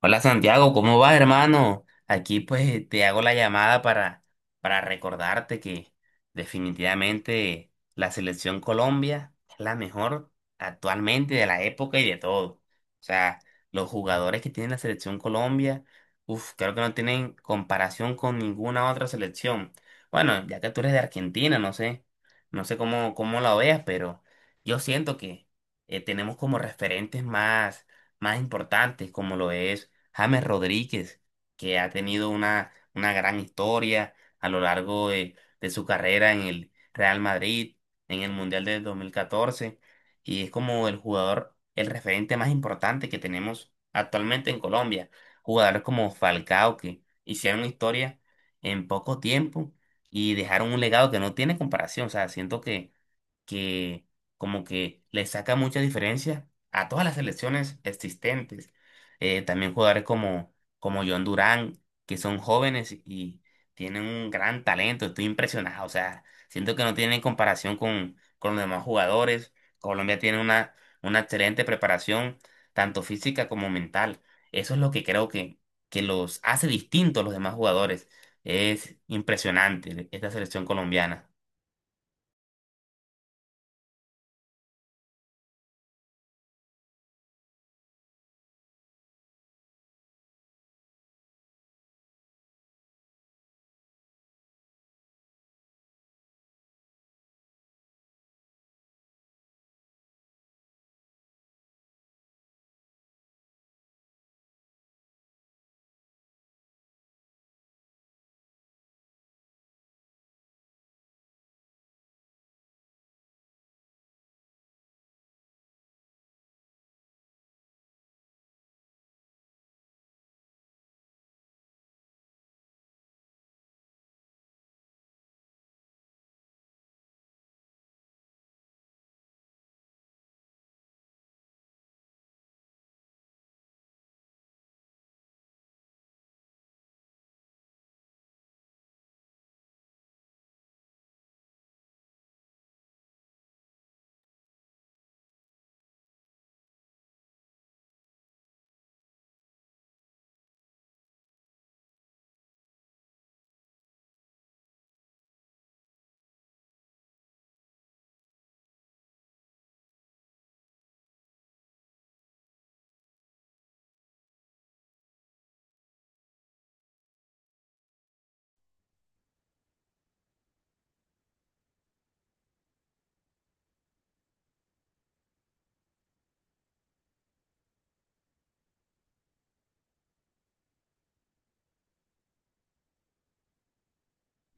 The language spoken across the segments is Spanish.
Hola Santiago, ¿cómo vas, hermano? Aquí pues te hago la llamada para recordarte que definitivamente la selección Colombia es la mejor actualmente de la época y de todo. O sea, los jugadores que tiene la selección Colombia, uff, creo que no tienen comparación con ninguna otra selección. Bueno, ya que tú eres de Argentina, no sé, no sé cómo la veas, pero yo siento que tenemos como referentes más importantes como lo es. James Rodríguez, que ha tenido una gran historia a lo largo de su carrera en el Real Madrid, en el Mundial del 2014, y es como el jugador, el referente más importante que tenemos actualmente en Colombia. Jugadores como Falcao, que hicieron historia en poco tiempo y dejaron un legado que no tiene comparación. O sea, siento que que como que le saca mucha diferencia a todas las selecciones existentes. También jugadores como John Durán, que son jóvenes y tienen un gran talento. Estoy impresionado. O sea, siento que no tienen comparación con los demás jugadores. Colombia tiene una excelente preparación, tanto física como mental. Eso es lo que creo que los hace distintos a los demás jugadores. Es impresionante esta selección colombiana.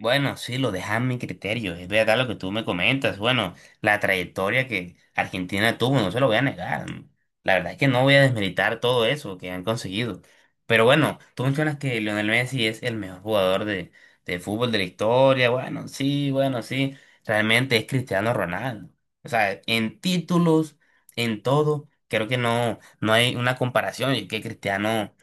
Bueno, sí, lo dejas a mi criterio, es verdad lo que tú me comentas. Bueno, la trayectoria que Argentina tuvo, no se lo voy a negar. La verdad es que no voy a desmeritar todo eso que han conseguido. Pero bueno, tú mencionas que Lionel Messi es el mejor jugador de fútbol de la historia. Bueno, sí, bueno, sí. Realmente es Cristiano Ronaldo. O sea, en títulos, en todo, creo que no, no hay una comparación. Y que Cristiano, o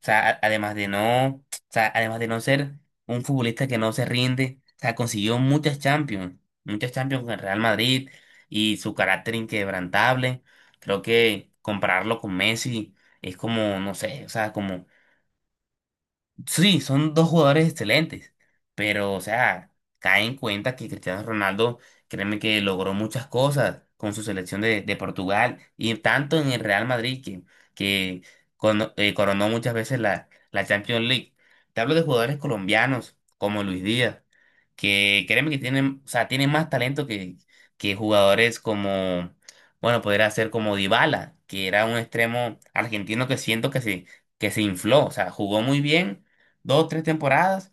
sea, además de no ser un futbolista que no se rinde, o sea, consiguió muchas Champions con el Real Madrid y su carácter inquebrantable. Creo que compararlo con Messi es como, no sé, o sea, como sí, son dos jugadores excelentes, pero, o sea, cae en cuenta que Cristiano Ronaldo, créeme que logró muchas cosas con su selección de Portugal y tanto en el Real Madrid que coronó muchas veces la Champions League. Te hablo de jugadores colombianos como Luis Díaz, que créeme que tienen, o sea, tienen más talento que jugadores como, bueno, podría ser como Dybala, que era un extremo argentino que siento que se infló, o sea, jugó muy bien dos, tres temporadas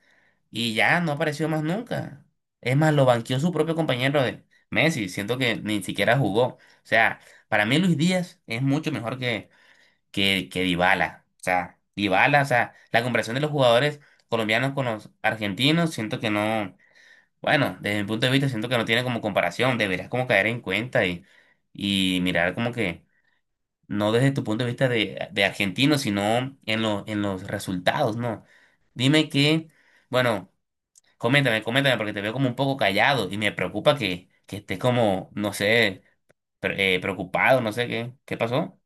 y ya no apareció más nunca. Es más, lo banqueó su propio compañero de Messi, siento que ni siquiera jugó. O sea, para mí Luis Díaz es mucho mejor que Dybala. O sea, Dybala, o sea, la comparación de los jugadores colombianos con los argentinos, siento que no, bueno, desde mi punto de vista siento que no tiene como comparación, deberías como caer en cuenta y mirar como que no desde tu punto de vista de argentino, sino en, en los resultados, ¿no? Dime que, bueno, coméntame, coméntame, porque te veo como un poco callado y me preocupa que estés como, no sé, preocupado, no sé qué, ¿qué pasó?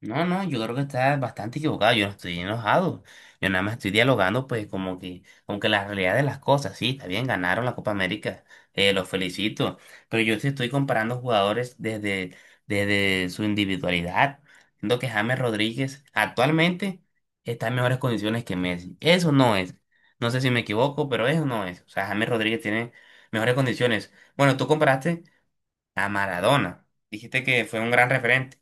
No, no, yo creo que estás bastante equivocado, yo no estoy enojado, yo nada más estoy dialogando pues como que la realidad de las cosas, sí, está bien, ganaron la Copa América, los felicito, pero yo te estoy comparando jugadores desde su individualidad, siendo que James Rodríguez actualmente está en mejores condiciones que Messi, eso no es, no sé si me equivoco, pero eso no es, o sea, James Rodríguez tiene mejores condiciones. Bueno, tú comparaste a Maradona, dijiste que fue un gran referente.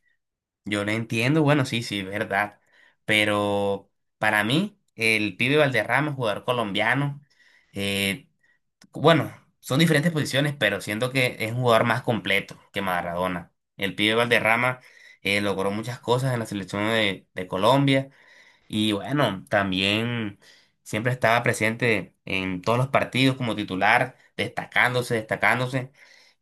Yo lo entiendo, bueno, sí, sí, verdad. Pero para mí, el pibe Valderrama, jugador colombiano, eh, bueno, son diferentes posiciones, pero siento que es un jugador más completo que Maradona. El pibe Valderrama logró muchas cosas en la selección de Colombia y bueno, también siempre estaba presente en todos los partidos como titular, destacándose, destacándose.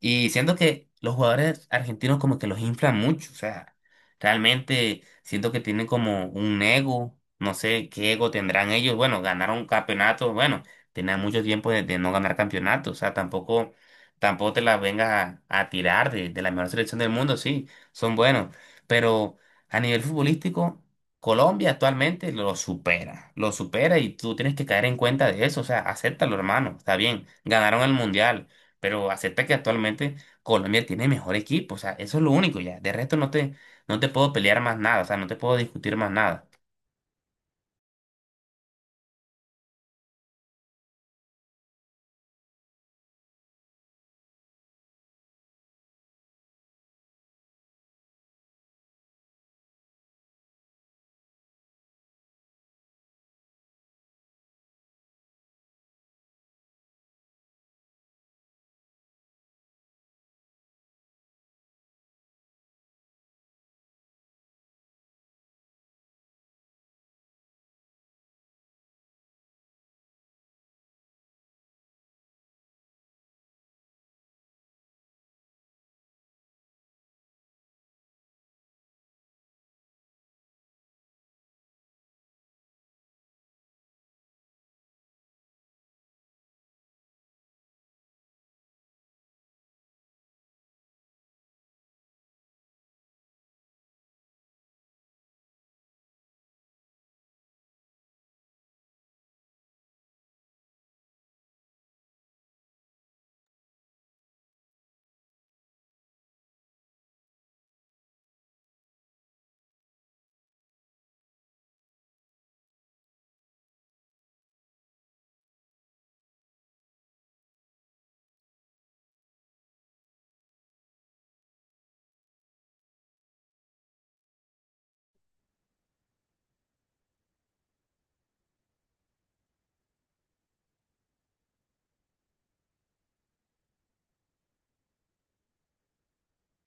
Y siento que los jugadores argentinos como que los inflan mucho. O sea, realmente siento que tienen como un ego. No sé qué ego tendrán ellos. Bueno, ganaron campeonatos. Bueno, tenían mucho tiempo de no ganar campeonatos. O sea, tampoco, tampoco te las vengas a tirar de la mejor selección del mundo. Sí, son buenos. Pero a nivel futbolístico. Colombia actualmente lo supera y tú tienes que caer en cuenta de eso, o sea, acéptalo, hermano, está bien, ganaron el mundial, pero acepta que actualmente Colombia tiene mejor equipo, o sea, eso es lo único ya, de resto no te, no te puedo pelear más nada, o sea, no te puedo discutir más nada.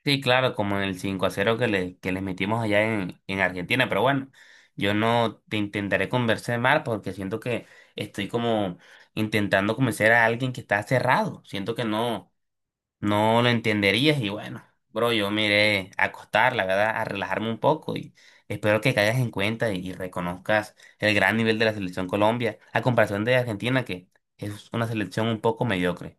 Sí, claro, como en el 5-0 que le, que les metimos allá en Argentina, pero bueno, yo no te intentaré convencer mal porque siento que estoy como intentando convencer a alguien que está cerrado, siento que no. No lo entenderías y bueno, bro, yo me iré a acostar, la verdad, a relajarme un poco y espero que caigas en cuenta y reconozcas el gran nivel de la selección Colombia a comparación de Argentina, que es una selección un poco mediocre.